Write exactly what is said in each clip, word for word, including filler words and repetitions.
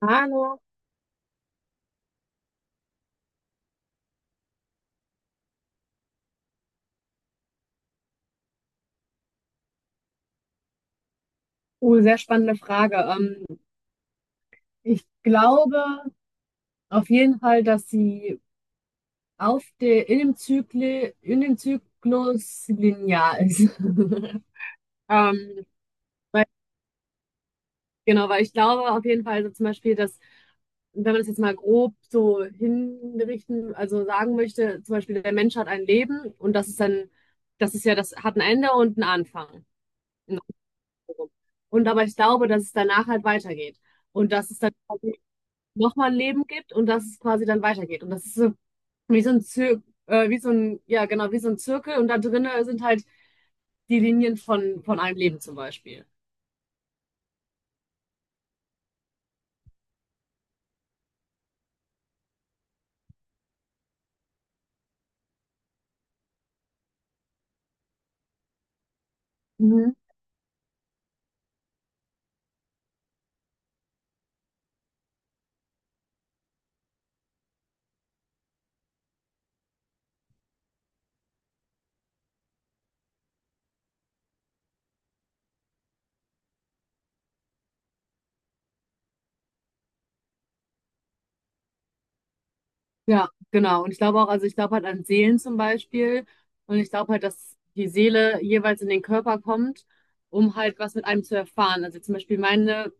Hallo, uh, sehr spannende Frage. Ähm, ich glaube auf jeden Fall, dass sie auf der, in dem Zykli, in dem Zyklus linear ist. Ähm, weil, genau, weil ich glaube auf jeden Fall, also zum Beispiel, dass, wenn man es jetzt mal grob so hinrichten, also sagen möchte, zum Beispiel, der Mensch hat ein Leben und das ist dann, das ist ja, das hat ein Ende und einen Anfang. Und aber ich glaube, dass es danach halt weitergeht. Und das ist dann nochmal ein Leben gibt und dass es quasi dann weitergeht. Und das ist so wie so ein Zir äh, wie so ein, ja, genau, wie so ein Zirkel und da drinnen sind halt die Linien von, von einem Leben zum Beispiel. Mhm. Ja, genau. Und ich glaube auch, also ich glaube halt an Seelen zum Beispiel und ich glaube halt, dass die Seele jeweils in den Körper kommt, um halt was mit einem zu erfahren. Also zum Beispiel meine,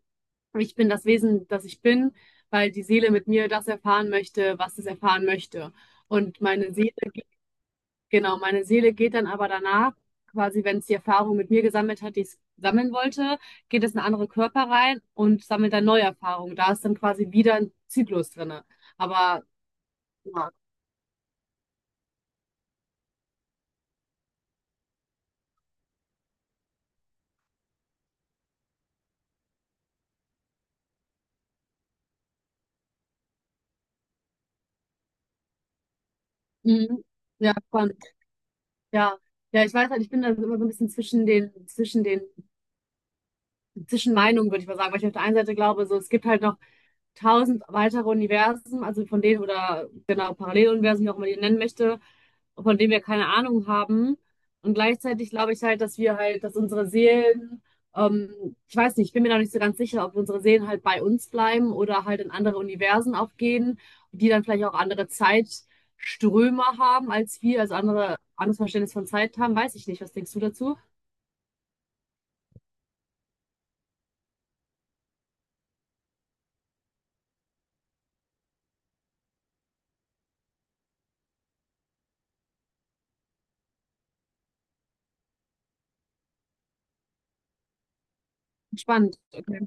ich bin das Wesen, das ich bin, weil die Seele mit mir das erfahren möchte, was es erfahren möchte. Und meine Seele. Genau, meine Seele geht dann aber danach, quasi wenn es die Erfahrung mit mir gesammelt hat, die es sammeln wollte, geht es in andere Körper rein und sammelt dann neue Erfahrungen. Da ist dann quasi wieder ein Zyklus drinne. Aber ja, mhm. Ja, spannend. Ja. Ja, ich weiß halt, ich bin da immer so ein bisschen zwischen den, zwischen den zwischen Meinungen, würde ich mal sagen, weil ich auf der einen Seite glaube, so, es gibt halt noch tausend weitere Universen, also von denen, oder genau, Paralleluniversen, wie auch immer man die nennen möchte, von denen wir keine Ahnung haben. Und gleichzeitig glaube ich halt, dass wir halt, dass unsere Seelen, ähm, ich weiß nicht, ich bin mir noch nicht so ganz sicher, ob unsere Seelen halt bei uns bleiben oder halt in andere Universen auch gehen, die dann vielleicht auch andere Zeitströme haben als wir, also andere, anderes Verständnis von Zeit haben, weiß ich nicht. Was denkst du dazu? Spannend. Okay.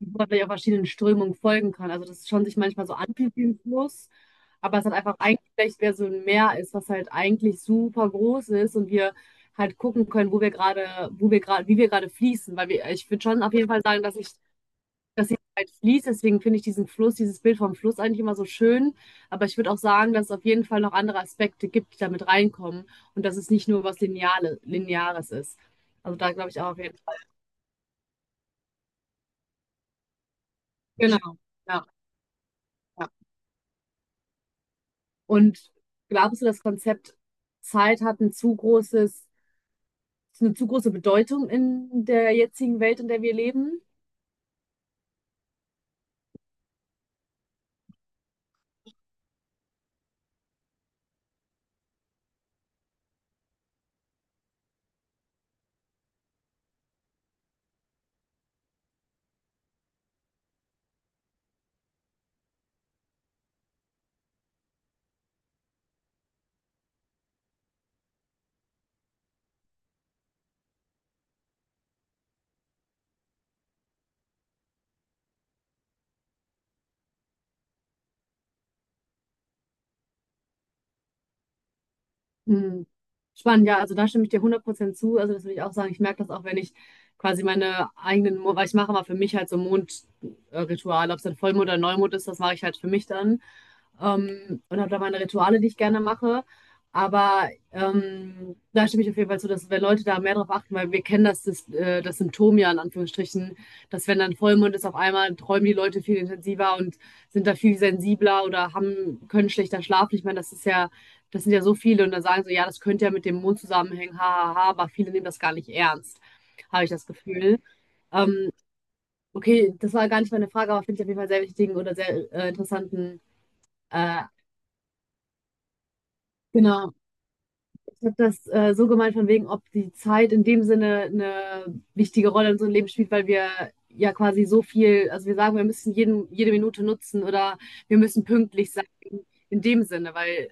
Weil man ja verschiedenen Strömungen folgen kann. Also dass es schon sich manchmal so anfühlt wie ein Fluss, aber es hat einfach eigentlich vielleicht mehr so ein Meer ist, was halt eigentlich super groß ist und wir halt gucken können, wo wir gerade, wo wir gerade, wie wir gerade fließen. Weil wir, ich würde schon auf jeden Fall sagen, dass ich, dass die Zeit fließt. Deswegen finde ich diesen Fluss, dieses Bild vom Fluss eigentlich immer so schön. Aber ich würde auch sagen, dass es auf jeden Fall noch andere Aspekte gibt, die damit reinkommen und dass es nicht nur was Lineale, Lineares ist. Also da glaube ich auch auf jeden Fall. Genau. Ja. Ja. Und glaubst du, das Konzept Zeit hat ein zu großes, eine zu große Bedeutung in der jetzigen Welt, in der wir leben? Hm. Spannend, ja, also da stimme ich dir hundert Prozent zu. Also das würde ich auch sagen. Ich merke das auch, wenn ich quasi meine eigenen, Mo- weil ich mache mal für mich halt so Mondrituale, ob es dann Vollmond oder Neumond ist, das mache ich halt für mich dann. ähm, und habe da meine Rituale, die ich gerne mache. Aber ähm, da stimme ich auf jeden Fall zu, dass wenn Leute da mehr drauf achten, weil wir kennen das, das, äh, das Symptom ja in Anführungsstrichen, dass wenn dann Vollmond ist, auf einmal träumen die Leute viel intensiver und sind da viel sensibler oder haben, können schlechter schlafen. Ich meine, das ist ja, das sind ja so viele und dann sagen so, ja, das könnte ja mit dem Mond zusammenhängen, ha, ha, ha, aber viele nehmen das gar nicht ernst, habe ich das Gefühl. Ähm, okay, das war gar nicht meine Frage, aber finde ich auf jeden Fall sehr wichtigen oder sehr äh, interessanten, äh, genau. Ich habe das äh, so gemeint, von wegen, ob die Zeit in dem Sinne eine wichtige Rolle in unserem Leben spielt, weil wir ja quasi so viel, also wir sagen, wir müssen jeden, jede Minute nutzen oder wir müssen pünktlich sein in dem Sinne, weil.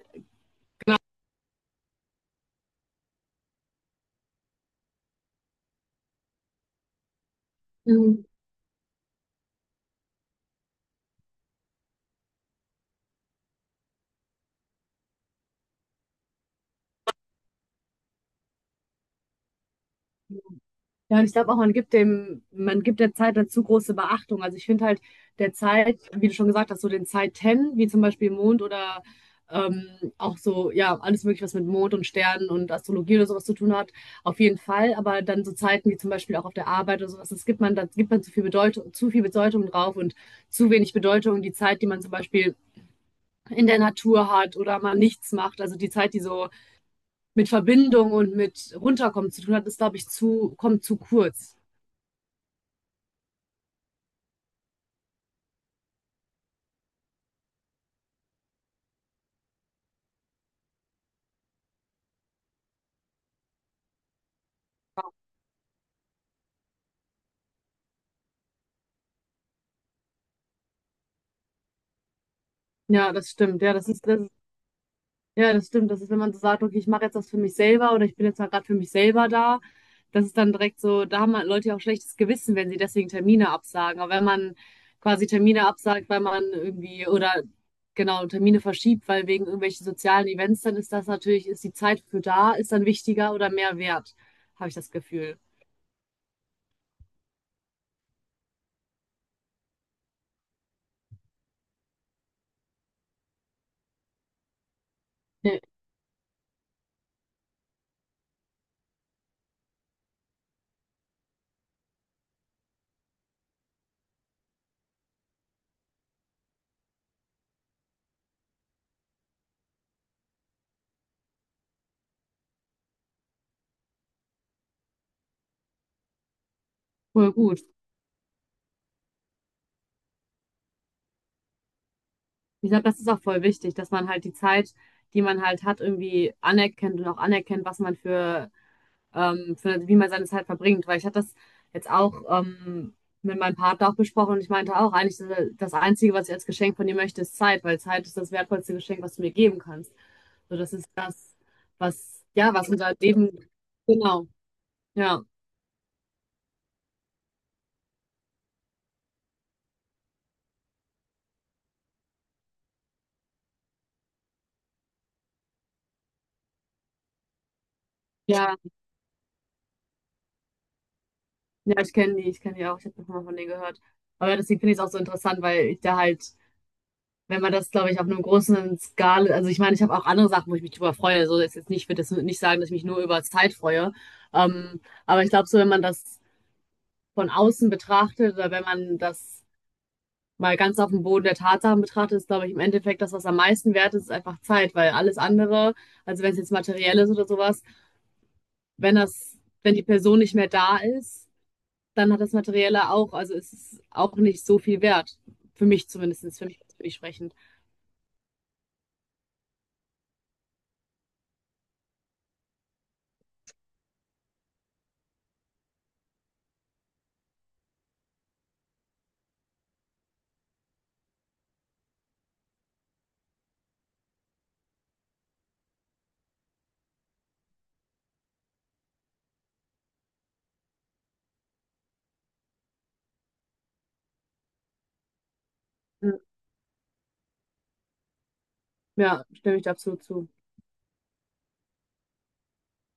Ja, und ich glaube auch, man gibt dem, man gibt der Zeit dazu große Beachtung. Also ich finde halt der Zeit, wie du schon gesagt hast, so den Zeiten, wie zum Beispiel Mond oder ähm, auch so, ja, alles Mögliche, was mit Mond und Sternen und Astrologie oder sowas zu tun hat, auf jeden Fall. Aber dann so Zeiten wie zum Beispiel auch auf der Arbeit oder sowas, das gibt man, da gibt man zu viel Bedeutung, zu viel Bedeutung drauf und zu wenig Bedeutung die Zeit, die man zum Beispiel in der Natur hat oder mal nichts macht. Also die Zeit, die so mit Verbindung und mit Runterkommen zu tun hat, ist, glaube ich, zu, kommt zu kurz. Ja, das stimmt. Ja, das ist, das, ja, das stimmt. Das ist, wenn man so sagt, okay, ich mache jetzt das für mich selber oder ich bin jetzt mal gerade für mich selber da, das ist dann direkt so, da haben halt Leute ja auch schlechtes Gewissen, wenn sie deswegen Termine absagen. Aber wenn man quasi Termine absagt, weil man irgendwie oder genau Termine verschiebt, weil wegen irgendwelchen sozialen Events, dann ist das natürlich, ist die Zeit für da, ist dann wichtiger oder mehr wert, habe ich das Gefühl. Ja, voll gut. Ich glaube, das ist auch voll wichtig, dass man halt die Zeit, die man halt hat, irgendwie anerkennt und auch anerkennt, was man für ähm, für, wie man seine Zeit verbringt. Weil ich hatte das jetzt auch ähm, mit meinem Partner auch besprochen und ich meinte auch, eigentlich ist das Einzige, was ich als Geschenk von dir möchte, ist Zeit, weil Zeit ist das wertvollste Geschenk, was du mir geben kannst. So, das ist das, was, ja, was unser Leben. Genau, ja, ja, ja, ich kenne die, ich kenne die auch, ich habe schon mal von denen gehört. Aber deswegen finde ich es auch so interessant, weil ich da halt wenn man das, glaube ich, auf einem großen Skala, also ich meine, ich habe auch andere Sachen, wo ich mich drüber freue. So ist jetzt nicht, ich würde jetzt nicht sagen, dass ich mich nur über Zeit freue. Ähm, aber ich glaube, so wenn man das von außen betrachtet oder wenn man das mal ganz auf dem Boden der Tatsachen betrachtet, ist, glaube ich, im Endeffekt das, was am meisten wert ist, ist einfach Zeit, weil alles andere, also wenn es jetzt materiell ist oder sowas, wenn das, wenn die Person nicht mehr da ist, dann hat das Materielle auch, also es ist auch nicht so viel wert. Für mich zumindest, für mich, für mich sprechend. Ja, stimme ich da absolut zu.